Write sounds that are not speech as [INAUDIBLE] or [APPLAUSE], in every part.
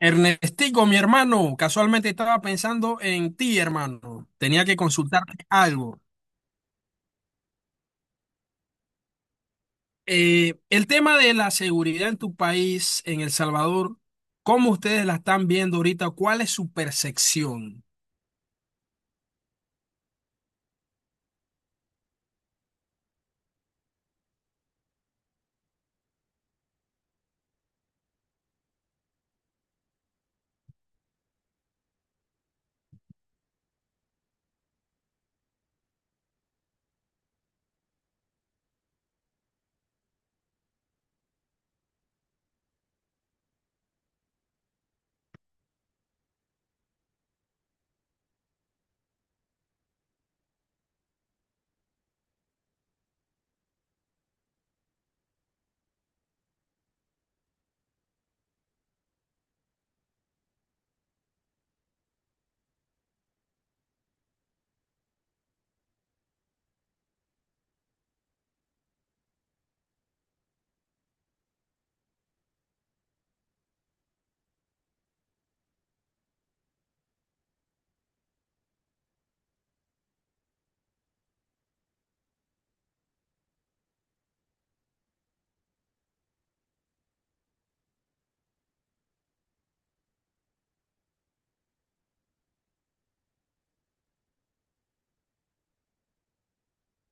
Ernestico, mi hermano, casualmente estaba pensando en ti, hermano. Tenía que consultarte algo. El tema de la seguridad en tu país, en El Salvador, ¿cómo ustedes la están viendo ahorita? ¿Cuál es su percepción?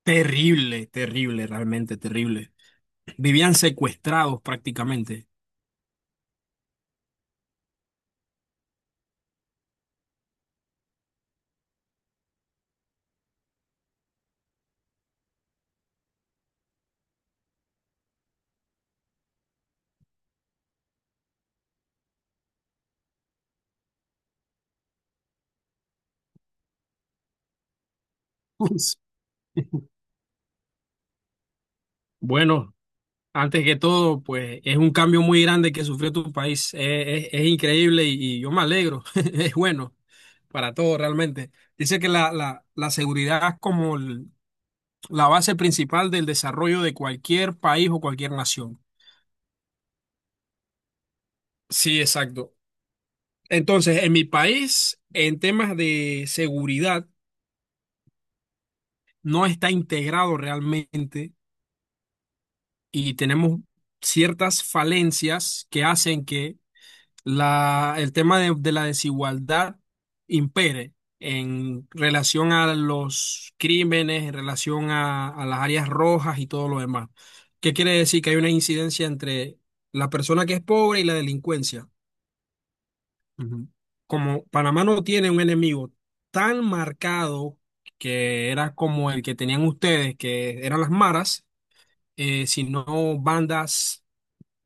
Terrible, terrible, realmente terrible. Vivían secuestrados prácticamente. [LAUGHS] Bueno, antes que todo, pues es un cambio muy grande que sufrió tu país. Es increíble y yo me alegro. [LAUGHS] Es bueno para todo realmente. Dice que la seguridad es como la base principal del desarrollo de cualquier país o cualquier nación. Sí, exacto. Entonces, en mi país, en temas de seguridad, no está integrado realmente y tenemos ciertas falencias que hacen que el tema de la desigualdad impere en relación a los crímenes, en relación a las áreas rojas y todo lo demás. ¿Qué quiere decir? Que hay una incidencia entre la persona que es pobre y la delincuencia. Ujú. Como Panamá no tiene un enemigo tan marcado que era como el que tenían ustedes, que eran las maras, sino bandas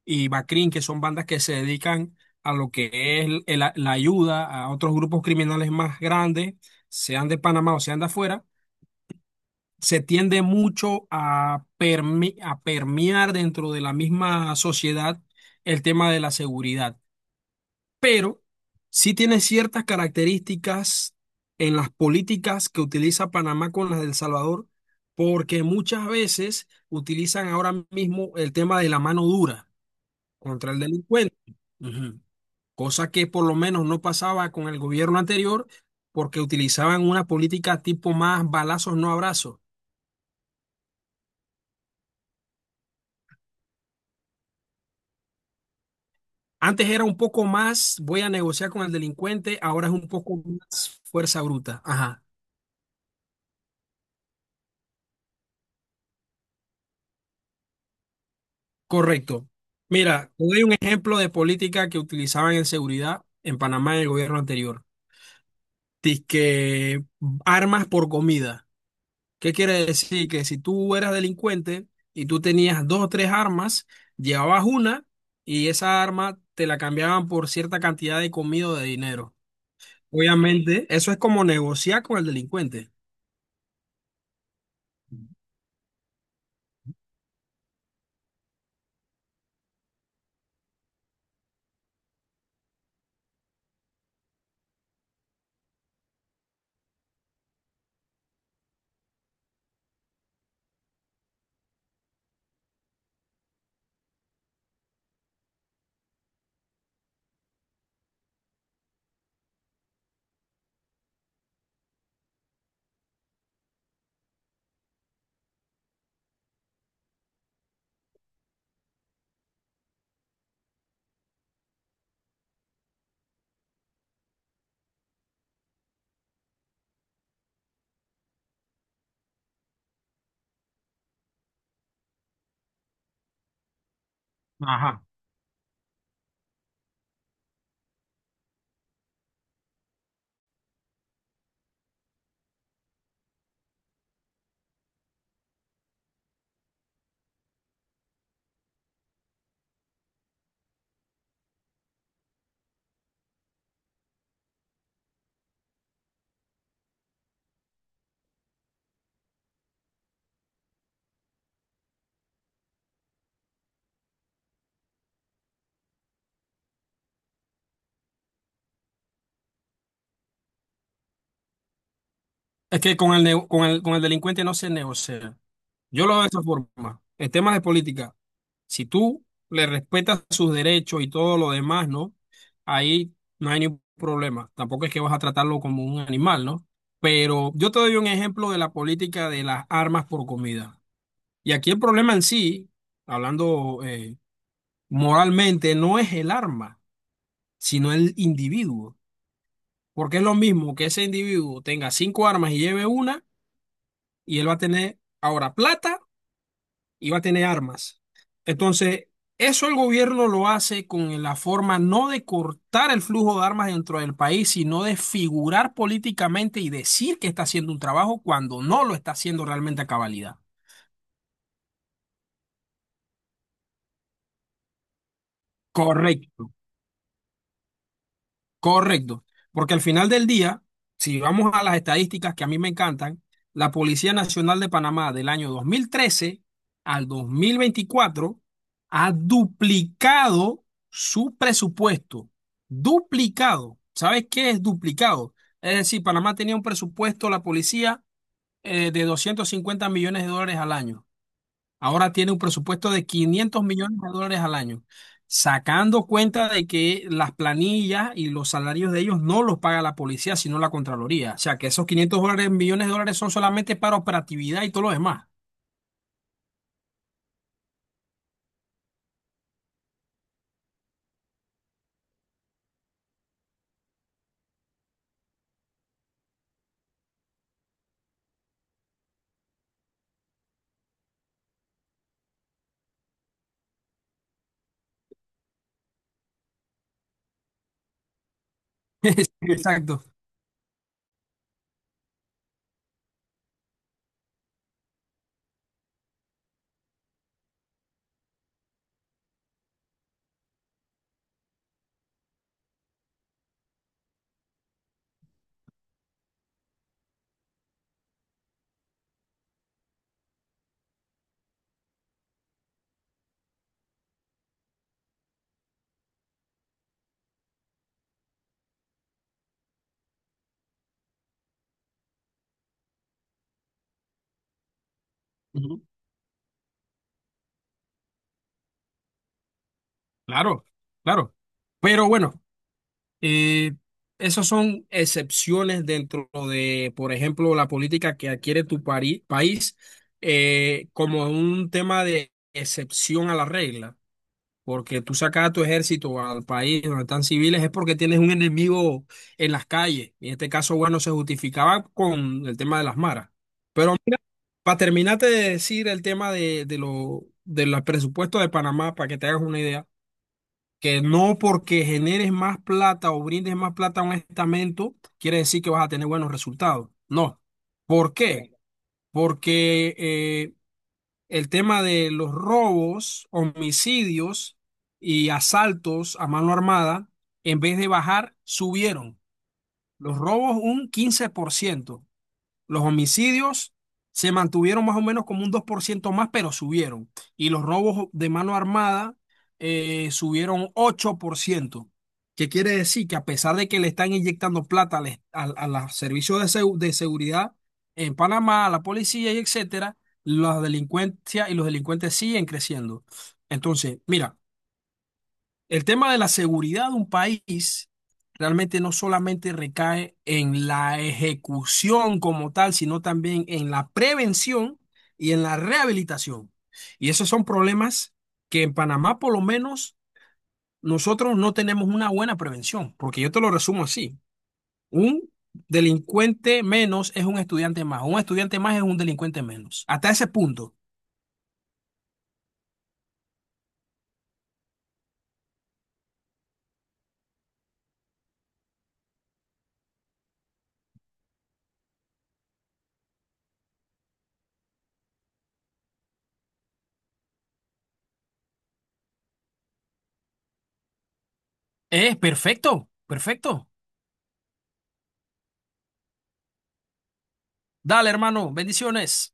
y Bacrin, que son bandas que se dedican a lo que es la ayuda a otros grupos criminales más grandes, sean de Panamá o sean de afuera, se tiende mucho a, a permear dentro de la misma sociedad el tema de la seguridad. Pero sí tiene ciertas características en las políticas que utiliza Panamá con las del Salvador, porque muchas veces utilizan ahora mismo el tema de la mano dura contra el delincuente. Ujú. Cosa que por lo menos no pasaba con el gobierno anterior porque utilizaban una política tipo más balazos, no abrazos. Antes era un poco más, voy a negociar con el delincuente, ahora es un poco más fuerza bruta. Ajá, correcto. Mira, te doy un ejemplo de política que utilizaban en seguridad en Panamá en el gobierno anterior. Dice armas por comida. ¿Qué quiere decir? Que si tú eras delincuente y tú tenías dos o tres armas, llevabas una y esa arma te la cambiaban por cierta cantidad de comida o de dinero. Obviamente, eso es como negociar con el delincuente. Ajá. Es que con el, nego- con el delincuente no se negocia. Yo lo veo de esa forma. En temas de política, si tú le respetas sus derechos y todo lo demás, ¿no? Ahí no hay ningún problema. Tampoco es que vas a tratarlo como un animal, ¿no? Pero yo te doy un ejemplo de la política de las armas por comida. Y aquí el problema en sí, hablando moralmente, no es el arma, sino el individuo. Porque es lo mismo que ese individuo tenga cinco armas y lleve una, y él va a tener ahora plata y va a tener armas. Entonces, eso el gobierno lo hace con la forma no de cortar el flujo de armas dentro del país, sino de figurar políticamente y decir que está haciendo un trabajo cuando no lo está haciendo realmente a cabalidad. Correcto. Correcto, porque al final del día, si vamos a las estadísticas que a mí me encantan, la Policía Nacional de Panamá del año 2013 al 2024 ha duplicado su presupuesto. Duplicado. ¿Sabes qué es duplicado? Es decir, Panamá tenía un presupuesto, la policía, de 250 millones de dólares al año. Ahora tiene un presupuesto de 500 millones de dólares al año, sacando cuenta de que las planillas y los salarios de ellos no los paga la policía, sino la Contraloría. O sea, que esos 500 dólares, millones de dólares son solamente para operatividad y todo lo demás. [LAUGHS] Sí, exacto. Ujú. Claro, claro. Pero bueno, eh, esas son excepciones dentro de, por ejemplo, la política que adquiere tu país como un tema de excepción a la regla. Porque tú sacas a tu ejército al país donde están civiles es porque tienes un enemigo en las calles. Y en este caso, bueno, se justificaba con el tema de las maras. Pero mira, para terminarte de decir el tema de los presupuestos de Panamá, para que te hagas una idea, que no porque generes más plata o brindes más plata a un estamento, quiere decir que vas a tener buenos resultados. No. ¿Por qué? Porque el tema de los robos, homicidios y asaltos a mano armada, en vez de bajar, subieron. Los robos un 15%. Los homicidios se mantuvieron más o menos como un 2% más, pero subieron. Y los robos de mano armada subieron 8%. ¿Qué quiere decir? Que a pesar de que le están inyectando plata a los servicios de seguridad en Panamá, a la policía y etcétera, la delincuencia y los delincuentes siguen creciendo. Entonces, mira. El tema de la seguridad de un país realmente no solamente recae en la ejecución como tal, sino también en la prevención y en la rehabilitación. Y esos son problemas que en Panamá, por lo menos, nosotros no tenemos una buena prevención, porque yo te lo resumo así. Un delincuente menos es un estudiante más es un delincuente menos. Hasta ese punto. Es perfecto, perfecto. Dale, hermano, bendiciones.